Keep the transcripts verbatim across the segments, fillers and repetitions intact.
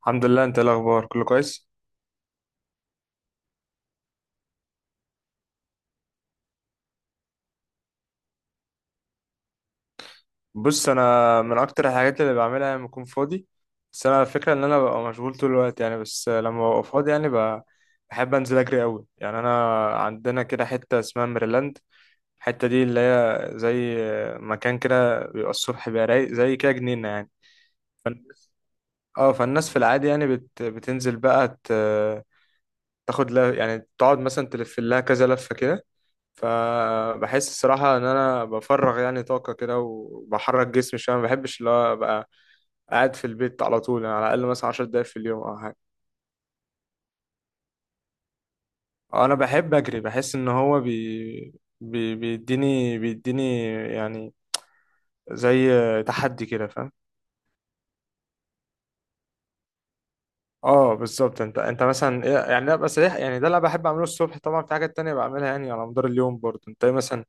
الحمد لله. انت ايه الاخبار، كله كويس؟ بص، انا من اكتر الحاجات اللي بعملها لما اكون فاضي... بس انا الفكره ان انا ببقى مشغول طول الوقت يعني، بس لما ببقى فاضي يعني ب- بحب انزل اجري قوي. يعني انا عندنا كده حته اسمها ميرلاند. الحته دي اللي هي زي مكان كده، بيبقى الصبح بيبقى رايق زي كده جنينه يعني. فن- اه فالناس في العادي يعني بت... بتنزل بقى ت... تاخد لها، يعني تقعد مثلا تلف لها كذا لفه كده. فبحس الصراحة إن أنا بفرغ يعني طاقة كده، وبحرك جسمي شوية. ما بحبش اللي هو أبقى قاعد في البيت على طول يعني، على الأقل مثلا عشر دقايق في اليوم أو حاجة. أنا بحب أجري، بحس إن هو بي... بي... بيديني بيديني يعني، زي تحدي كده، فاهم؟ اه بالظبط. انت انت مثلا إيه- يعني لا بس ده يعني ده اللي أنا بحب اعمله الصبح. طبعا في حاجات تانية بعملها يعني على مدار اليوم برضه. انت إيه مثلا؟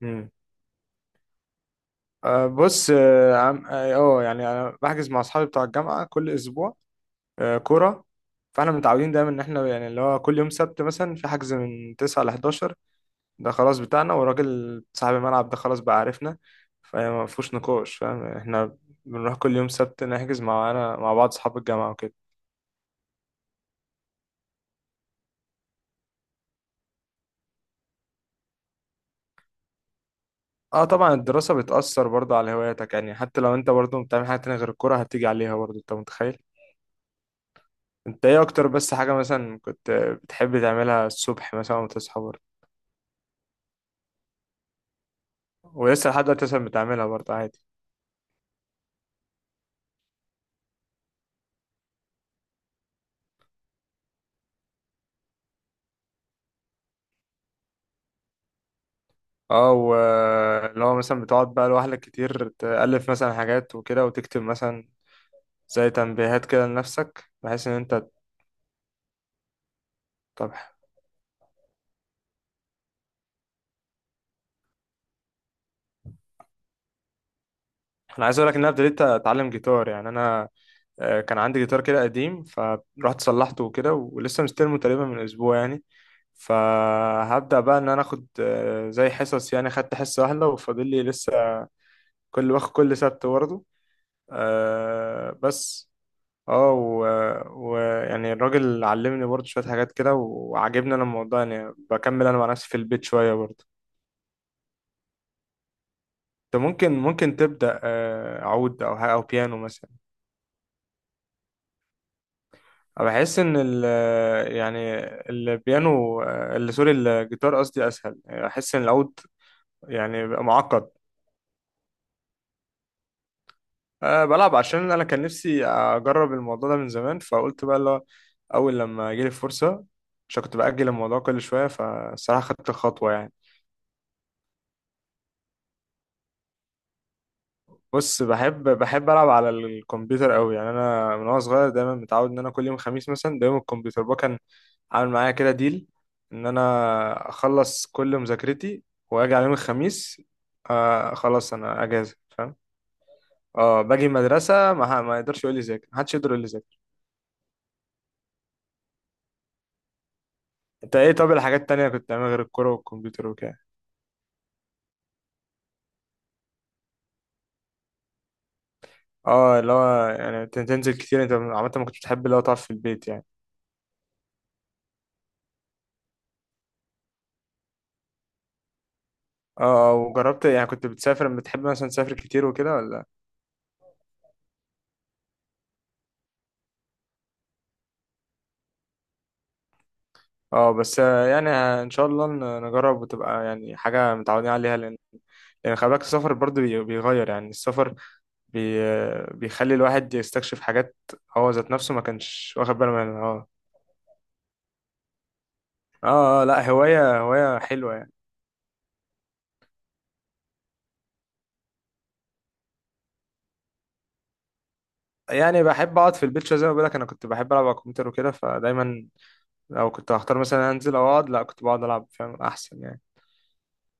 مم. آه بص. اه عم- آه، آه، يعني انا بحجز مع اصحابي بتوع الجامعة كل اسبوع. آه، كورة. فاحنا متعودين دايما ان احنا يعني اللي هو كل يوم سبت مثلا في حجز من تسعة ل حداشر. ده خلاص بتاعنا، والراجل صاحب الملعب ده خلاص بقى عارفنا، فما فيهوش نقاش، فاهم احنا. بنروح كل يوم سبت نحجز، معانا مع بعض اصحاب الجامعة وكده. اه طبعا الدراسة بتأثر برضه على هواياتك يعني، حتى لو انت برضه بتعمل حاجة تانية غير الكورة، هتيجي عليها برضه، انت متخيل. انت ايه اكتر بس حاجة مثلا كنت بتحب تعملها الصبح مثلا وتصحى برضه، ولسه لحد دلوقتي مثلا بتعملها برضه عادي؟ اه، واللي هو مثلا بتقعد بقى لوحدك كتير، تألف مثلا حاجات وكده، وتكتب مثلا زي تنبيهات كده لنفسك بحيث ان انت... طب انا عايز اقول لك ان انا ابتديت اتعلم جيتار يعني. انا آه، كان عندي جيتار كده قديم، فرحت صلحته وكده، ولسه مستلمه تقريبا من اسبوع يعني. فهبدأ بقى ان انا اخد آه، زي حصص يعني، خدت حصة واحدة وفاضل لي لسه، كل واخد كل سبت برضه. آه، بس اه ويعني و... ويعني الراجل علمني برضه شوية حاجات كده، وعجبني انا الموضوع يعني، بكمل انا مع نفسي في البيت شوية برضه. انت ممكن ممكن تبدأ آه، عود او حاجة او بيانو مثلا. أنا بحس ان ال يعني البيانو آه، اللي سوري الجيتار قصدي اسهل. يعني احس ان العود يعني بيبقى معقد. أه بلعب عشان انا كان نفسي اجرب الموضوع ده من زمان، فقلت بقى لا، اول لما جيلي فرصة، عشان كنت بأجل الموضوع كل شوية، فالصراحة خدت الخطوة يعني. بص، بحب بحب العب على الكمبيوتر قوي يعني. انا من وانا صغير دايما متعود ان انا كل يوم خميس مثلا، ده يوم الكمبيوتر بقى، كان عامل معايا كده ديل، ان انا اخلص كل مذاكرتي واجي على يوم الخميس، آه خلاص انا اجازه، فاهم؟ اه باجي المدرسه، ما, ح- ما يقدرش يقول لي ذاكر، ما حدش يقدر يقول لي ذاكر. انت ايه طب الحاجات التانية كنت بتعملها غير الكوره والكمبيوتر وكده؟ اه، اللي هو يعني تن- تنزل كتير. انت عامه ما كنتش بتحب اللي هو تقعد في البيت يعني. اه آه، وجربت يعني، كنت بتسافر؟ بتحب مثلا تسافر كتير وكده ولا؟ اه بس آه، يعني آه، ان شاء الله ن- نجرب وتبقى يعني حاجه متعودين عليها، لان لان خلي بالك السفر برضه بي- بيغير يعني. السفر بي آه، بيخلي الواحد يستكشف حاجات هو ذات نفسه ما كانش واخد باله منها. اه اه آه، لا، هوايه هوايه حلوه يعني. يعني بحب اقعد في البيت شويه زي ما بقول لك، انا كنت بحب العب على الكمبيوتر وكده، فدايما لو كنت هختار مثلا انزل او اقعد، لا كنت بقعد العب، فاهم؟ احسن يعني.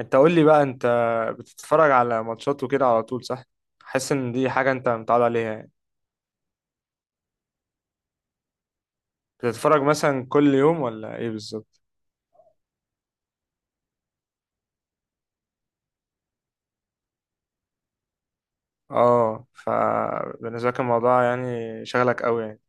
انت قول لي بقى، انت بتتفرج على ماتشات وكده على طول صح؟ حاسس ان دي حاجه انت متعود عليها يعني. بتتفرج مثلا كل يوم ولا ايه بالظبط؟ اه فبالنسبه لك الموضوع يعني شغلك قوي يعني.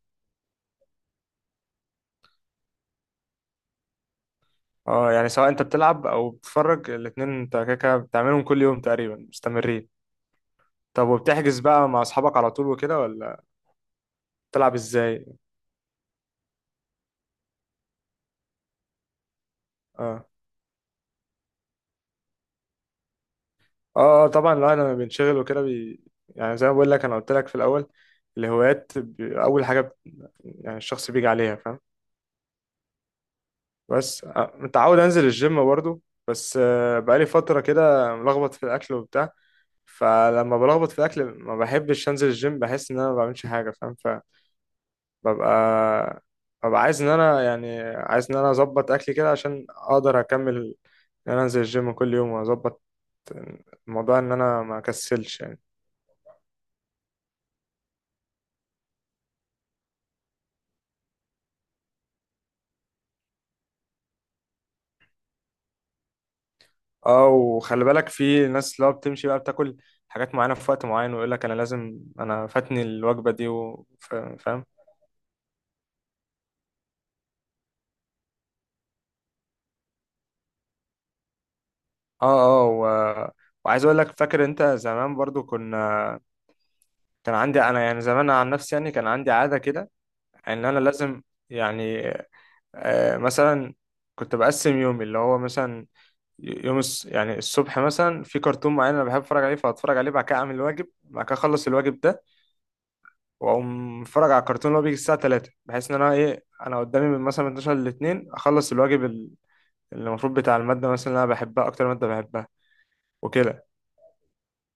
اه يعني سواء انت بتلعب او بتتفرج، الاتنين انت كده كده بتعملهم كل يوم تقريبا، مستمرين. طب وبتحجز بقى مع اصحابك على طول وكده ولا؟ بتلعب ازاي؟ اه اه آه، طبعا الواحد لما بينشغل وكده بي... يعني زي ما بقول لك، انا قلت لك في الاول، الهوايات ب... اول حاجه بت... يعني الشخص بيجي عليها، فاهم. بس آه، متعود انزل الجيم برضو. بس آه، بقالي فتره كده ملخبط في الاكل وبتاع. فلما بلخبط في الاكل ما بحبش انزل الجيم، بحس ان انا ما بعملش حاجه، فاهم؟ فببقى ببقى عايز ان انا يعني عايز ان انا اظبط اكلي كده عشان اقدر اكمل ان انا انزل الجيم كل يوم، واظبط الموضوع ان انا ما اكسلش يعني. اه وخلي بالك في ناس اللي هو بتمشي بقى، بتاكل حاجات معينه في وقت معين، ويقول لك انا لازم، انا فاتني الوجبه دي، و- فا- فاهم؟ اه اه و... وعايز اقول لك، فاكر انت زمان برضو كنا... كان عندي انا يعني زمان، عن نفسي يعني كان عندي عاده كده ان انا لازم، يعني آه، مثلا كنت بقسم يومي اللي هو مثلا، يوم الس- يعني الصبح مثلا في كرتون معين انا بحب اتفرج عليه، فاتفرج عليه، بعد كده اعمل الواجب، بعد كده اخلص الواجب ده واقوم اتفرج على الكرتون اللي هو بيجي الساعه ثلاثة، بحيث ان انا ايه، انا قدامي من مثلا من اثنا عشر ل اتنين اخلص الواجب ال- اللي المفروض بتاع الماده مثلا اللي انا بحبها، اكتر ماده بحبها وكده.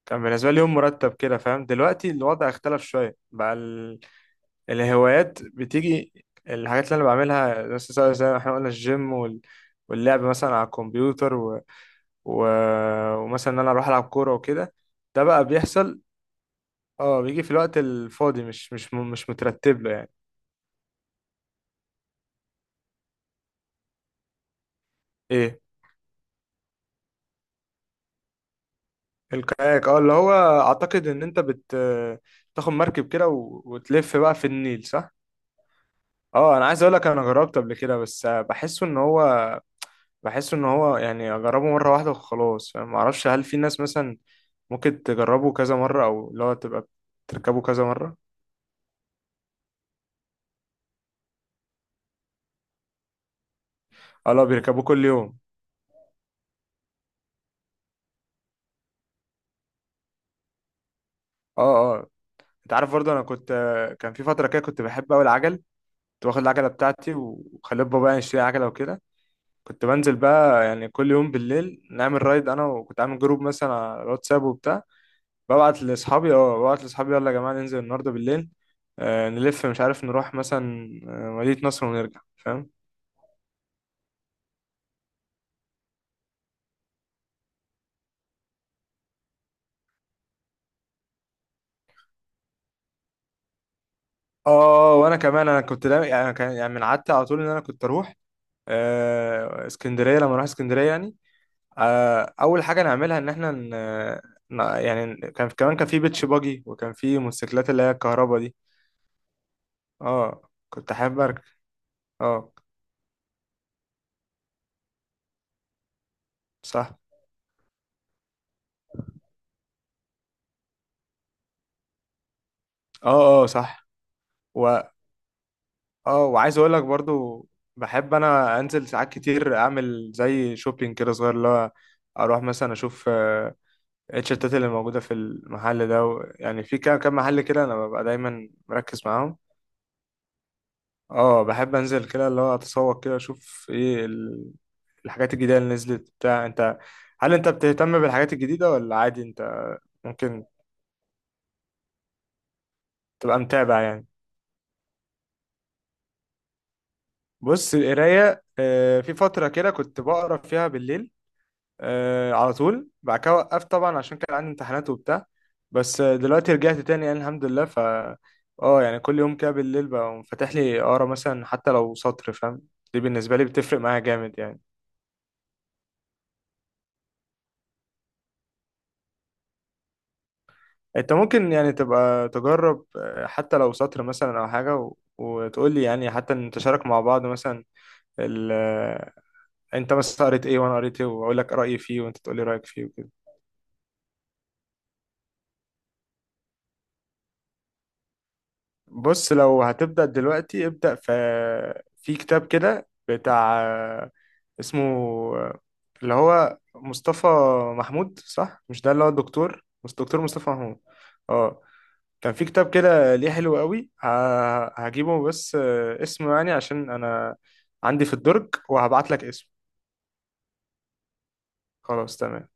كان بالنسبه لي يوم مرتب كده، فاهم؟ دلوقتي الوضع اختلف شويه بقى. الهوايات بتيجي، الحاجات اللي انا بعملها بس، زي زي ما احنا قلنا، الجيم وال... واللعب مثلا على الكمبيوتر و... و... ومثلا ان انا اروح العب كوره وكده، ده بقى بيحصل. اه بيجي في الوقت الفاضي، مش مش م- مش مترتب له يعني. ايه الكاياك؟ اه اللي هو اعتقد ان انت بت تاخد مركب كده و... وتلف بقى في النيل، صح؟ اه انا عايز اقول لك، انا جربت قبل كده، بس بحسه ان هو بحس ان هو يعني اجربه مره واحده وخلاص، فاهم؟ معرفش هل في ناس مثلا ممكن تجربه كذا مره، او اللي هو تبقى بتركبه كذا مره. اه لا بيركبوه كل يوم. اه اه انت عارف برضه انا كنت... كان في فتره كده كنت بحب قوي العجل. كنت واخد العجله بتاعتي وخليت بابا يعني يشتري عجله وكده، كنت بنزل بقى يعني كل يوم بالليل نعمل رايد انا، وكنت عامل جروب مثلا على الواتساب وبتاع. ببعت لاصحابي اه ببعت لاصحابي يلا يا جماعه ننزل النهارده بالليل، آه، نلف مش عارف نروح مثلا آه، مدينة نصر ونرجع، فاهم. اه وانا كمان انا كنت لا يعني، أنا كان يعني من عادتي على طول ان انا كنت اروح آه، اسكندريه، لما اروح اسكندريه يعني، آه، اول حاجه نعملها ان احنا ن... ن- يعني كان كمان كان في بيتش باجي، وكان في موتوسيكلات اللي هي الكهرباء دي. اه كنت احب اركب. اه صح. اه اه صح. و اه وعايز اقول لك برضو، بحب انا انزل ساعات كتير اعمل زي شوبينج كده صغير، اللي هو اروح مثلا اشوف آه، التيشيرتات اللي موجودة في المحل ده و... يعني في كام كام محل كده أنا ببقى دايما مركز معاهم. اه بحب أنزل كده اللي هو أتسوق كده أشوف إيه ال... الحاجات الجديدة اللي نزلت بتاع. أنت هل أنت بتهتم بالحاجات الجديدة ولا عادي؟ أنت ممكن تبقى متابع يعني. بص، القراية آه، في فترة كده كنت بقرا فيها بالليل آه على طول، بعد كده وقفت طبعا عشان كان عندي امتحانات وبتاع. بس آه، دلوقتي رجعت تاني يعني، الحمد لله. ف اه يعني كل يوم كده بالليل بقى فاتح لي اقرا، مثلا حتى لو سطر، فاهم؟ دي بالنسبة لي بتفرق معايا جامد يعني. انت ممكن يعني تبقى تجرب آه، حتى لو سطر مثلا او حاجة، و... وتقول لي يعني حتى نتشارك مع بعض مثلا، ال... آه، انت مثلا قريت ايه وانا قريت ايه، واقول لك رأيي فيه وانت تقول لي رأيك فيه وكده. بص، لو هتبدأ دلوقتي، ابدأ في في كتاب كده بتاع، اسمه اللي هو مصطفى محمود صح، مش ده اللي هو الدكتور، مش دكتور مصطفى محمود؟ اه، كان في كتاب كده ليه حلو قوي. ه- هجيبه، بس اسمه يعني، عشان انا عندي في الدرج، وهبعت لك اسمه. خلاص تمام.